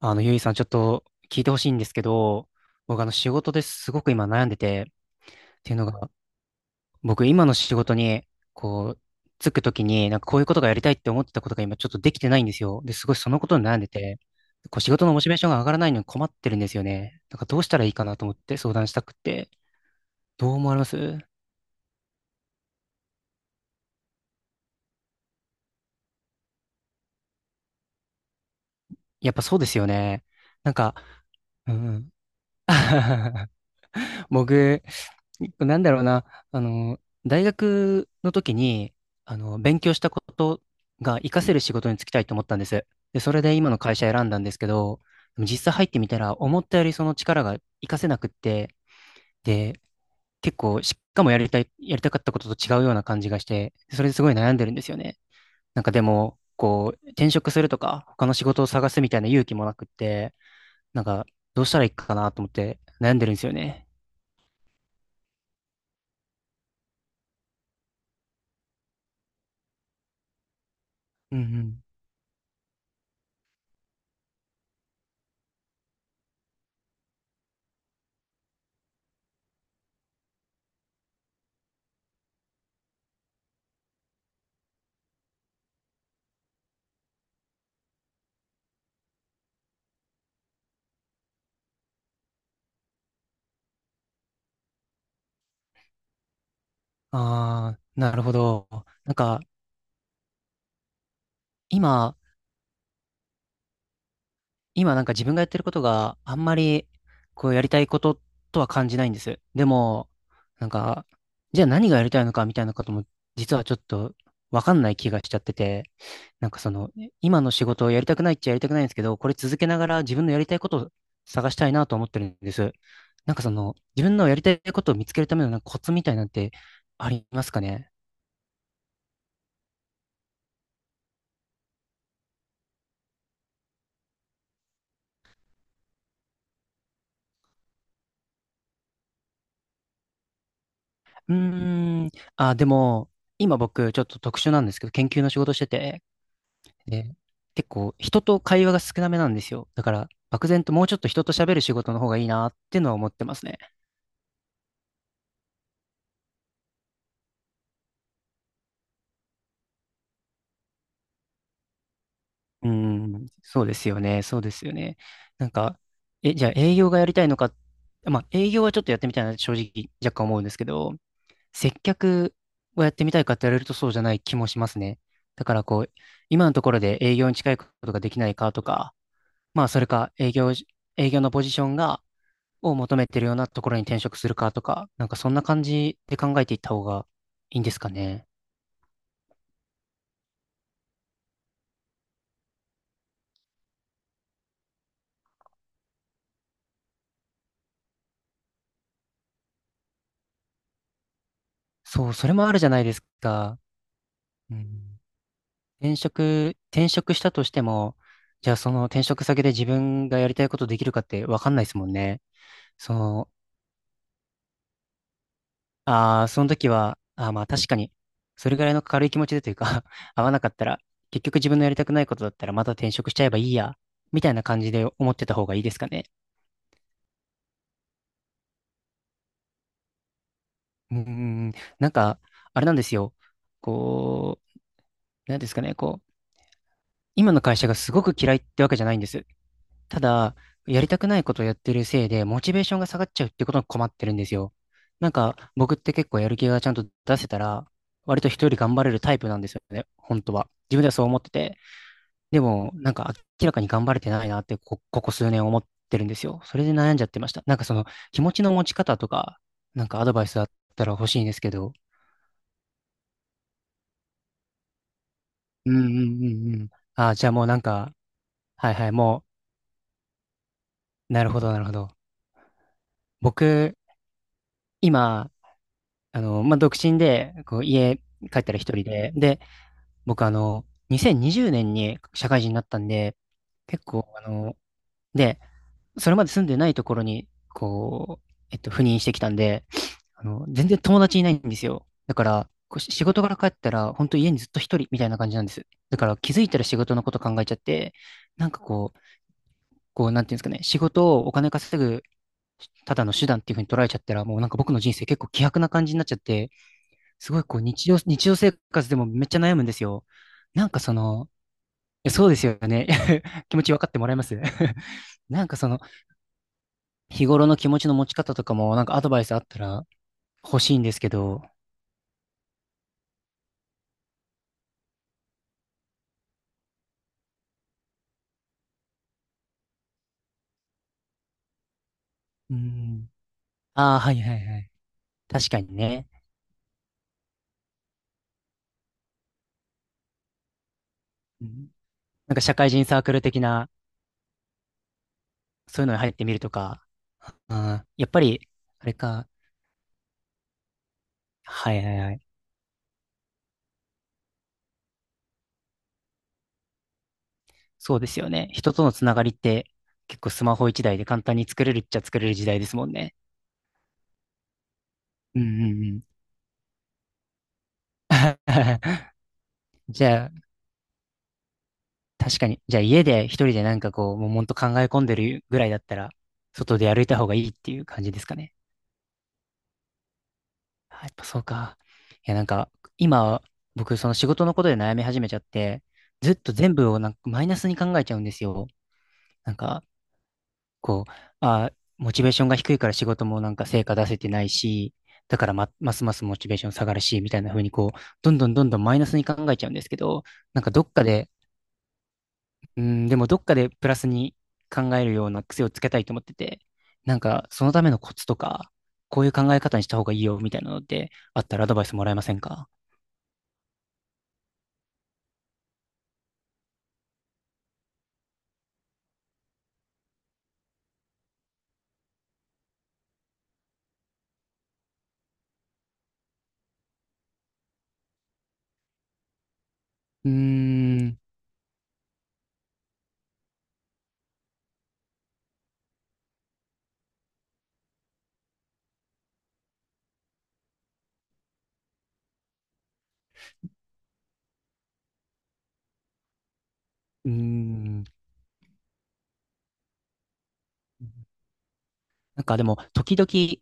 ゆいさん、ちょっと聞いてほしいんですけど、僕、仕事ですごく今悩んでて、っていうのが、僕、今の仕事に、こう、つくときに、なんかこういうことがやりたいって思ってたことが今ちょっとできてないんですよ。で、すごいそのことに悩んでて、仕事のモチベーションが上がらないのに困ってるんですよね。なんかどうしたらいいかなと思って相談したくって、どう思われます？やっぱそうですよね。なんか、うんうん。僕、なんだろうな、あの、大学の時に、勉強したことが活かせる仕事に就きたいと思ったんです。で、それで今の会社選んだんですけど、でも実際入ってみたら、思ったよりその力が活かせなくって、で、結構、しかもやりたかったことと違うような感じがして、それですごい悩んでるんですよね。なんかでも、転職するとか、他の仕事を探すみたいな勇気もなくって、なんか、どうしたらいいかなと思って悩んでるんですよね。うんうん。ああ、なるほど。なんか、今、今なんか自分がやってることがあんまり、こうやりたいこととは感じないんです。でも、なんか、じゃあ何がやりたいのかみたいなことも、実はちょっとわかんない気がしちゃってて、なんかその、今の仕事をやりたくないっちゃやりたくないんですけど、これ続けながら自分のやりたいことを探したいなと思ってるんです。なんかその、自分のやりたいことを見つけるためのなんかコツみたいなんてありますかね？うーん。あ、でも、今僕、ちょっと特殊なんですけど、研究の仕事してて、で、結構、人と会話が少なめなんですよ。だから、漠然ともうちょっと人と喋る仕事の方がいいなっていうのは思ってますね。うーん。そうですよね。そうですよね。なんか、じゃあ営業がやりたいのか、まあ、営業はちょっとやってみたいな、正直、若干思うんですけど、接客をやってみたいかって言われるとそうじゃない気もしますね。だから、今のところで営業に近いことができないかとか、まあ、それか営業のポジションを求めてるようなところに転職するかとか、なんかそんな感じで考えていった方がいいんですかね。そう、それもあるじゃないですか。うん、転職したとしても、じゃあその転職先で自分がやりたいことできるかってわかんないですもんね。そう、ああ、その時は、まあ確かに、それぐらいの軽い気持ちでというか 合わなかったら、結局自分のやりたくないことだったらまた転職しちゃえばいいや、みたいな感じで思ってた方がいいですかね。うーん、なんか、あれなんですよ。こなんですかね、今の会社がすごく嫌いってわけじゃないんです。ただ、やりたくないことをやってるせいで、モチベーションが下がっちゃうってことに困ってるんですよ。なんか、僕って結構やる気がちゃんと出せたら、割と人より頑張れるタイプなんですよね、本当は。自分ではそう思ってて。でも、なんか明らかに頑張れてないなってここ数年思ってるんですよ。それで悩んじゃってました。なんかその、気持ちの持ち方とか、なんかアドバイスあったら欲しいんですけど。うんうんうんうん。ああ、じゃあもうなんか、はいはい、もう、なるほどなるほど。僕、今、まあ、独身で、家帰ったら一人で、で、僕2020年にじゅうねんに社会人になったんで、結構、で、それまで住んでないところに、赴任してきたんで、全然友達いないんですよ。だから、こうし仕事から帰ったら、本当家にずっと一人みたいな感じなんです。だから気づいたら仕事のこと考えちゃって、なんかこう、なんていうんですかね、仕事をお金稼ぐ、ただの手段っていう風に捉えちゃったら、もうなんか僕の人生結構希薄な感じになっちゃって、すごい日常生活でもめっちゃ悩むんですよ。なんかその、いやそうですよね。気持ち分かってもらえます？ なんかその、日頃の気持ちの持ち方とかも、なんかアドバイスあったら欲しいんですけど、うん。ああ、はいはいはい。確かにね。うんなんか社会人サークル的な、そういうのに入ってみるとか、やっぱり、あれか、はいはいはい。そうですよね。人とのつながりって結構スマホ一台で簡単に作れるっちゃ作れる時代ですもんね。うんうんうん。じゃあ、確かに。じゃあ家で一人でなんか悶々と考え込んでるぐらいだったら、外で歩いた方がいいっていう感じですかね。あやっぱそうか。いやなんか、今、僕その仕事のことで悩み始めちゃって、ずっと全部をなんかマイナスに考えちゃうんですよ。なんか、こう、モチベーションが低いから仕事もなんか成果出せてないし、だからますますモチベーション下がるし、みたいな風にどんどんどんどんマイナスに考えちゃうんですけど、なんかどっかで、うん、でもどっかでプラスに考えるような癖をつけたいと思ってて、なんかそのためのコツとか、こういう考え方にした方がいいよ、みたいなのってあったらアドバイスもらえませんか？うーん、うーん。なんかでも、時々、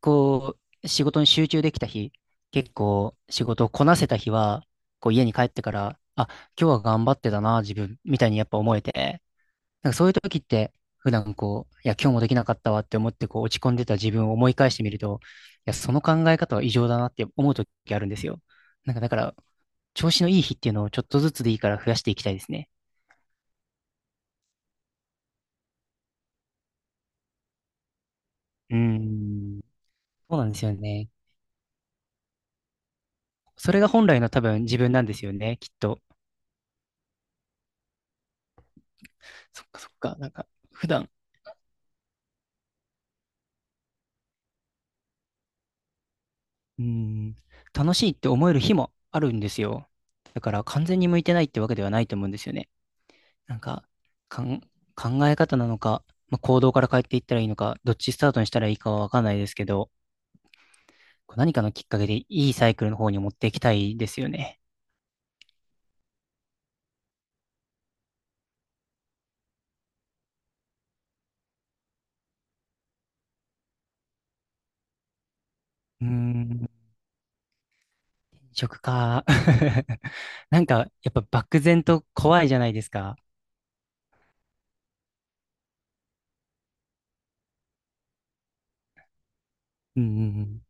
こ仕事に集中できた日、結構仕事をこなせた日は、こう家に帰ってから、あ、今日は頑張ってたな、自分、みたいにやっぱ思えて、なんかそういう時って、普段いや、今日もできなかったわって思ってこう落ち込んでた自分を思い返してみると、いや、その考え方は異常だなって思う時あるんですよ。なんかだから、調子のいい日っていうのをちょっとずつでいいから増やしていきたいですね。うーん。そうなんですよね。それが本来の多分自分なんですよね、きっと。そっかそっか。なんか、普段うん、楽しいって思える日もあるんですよ。だから完全に向いてないってわけではないと思うんですよね。なんか、かん、考え方なのか、まあ、行動から変えていったらいいのか、どっちスタートにしたらいいかはわかんないですけど、こう何かのきっかけでいいサイクルの方に持っていきたいですよね。うーん、食か。なんか、やっぱ漠然と怖いじゃないですか。うんうん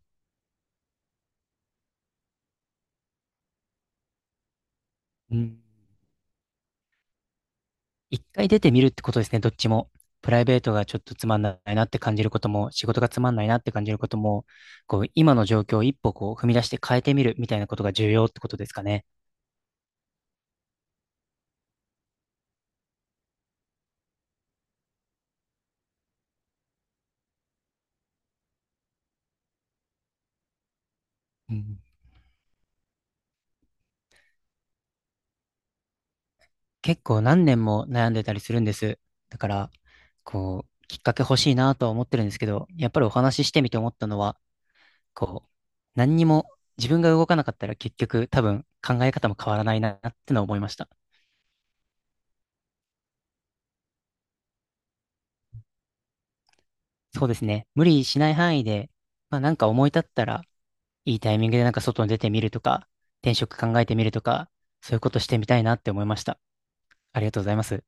うん。うん一回出てみるってことですね、どっちも。プライベートがちょっとつまんないなって感じることも、仕事がつまんないなって感じることも、今の状況を一歩こう、踏み出して変えてみるみたいなことが重要ってことですかね。うん、結構何年も悩んでたりするんです。だから、きっかけ欲しいなとは思ってるんですけど、やっぱりお話ししてみて思ったのは、こう、何にも自分が動かなかったら結局多分考え方も変わらないなってのは思いました。そうですね。無理しない範囲で、まあなんか思い立ったら、いいタイミングでなんか外に出てみるとか、転職考えてみるとか、そういうことしてみたいなって思いました。ありがとうございます。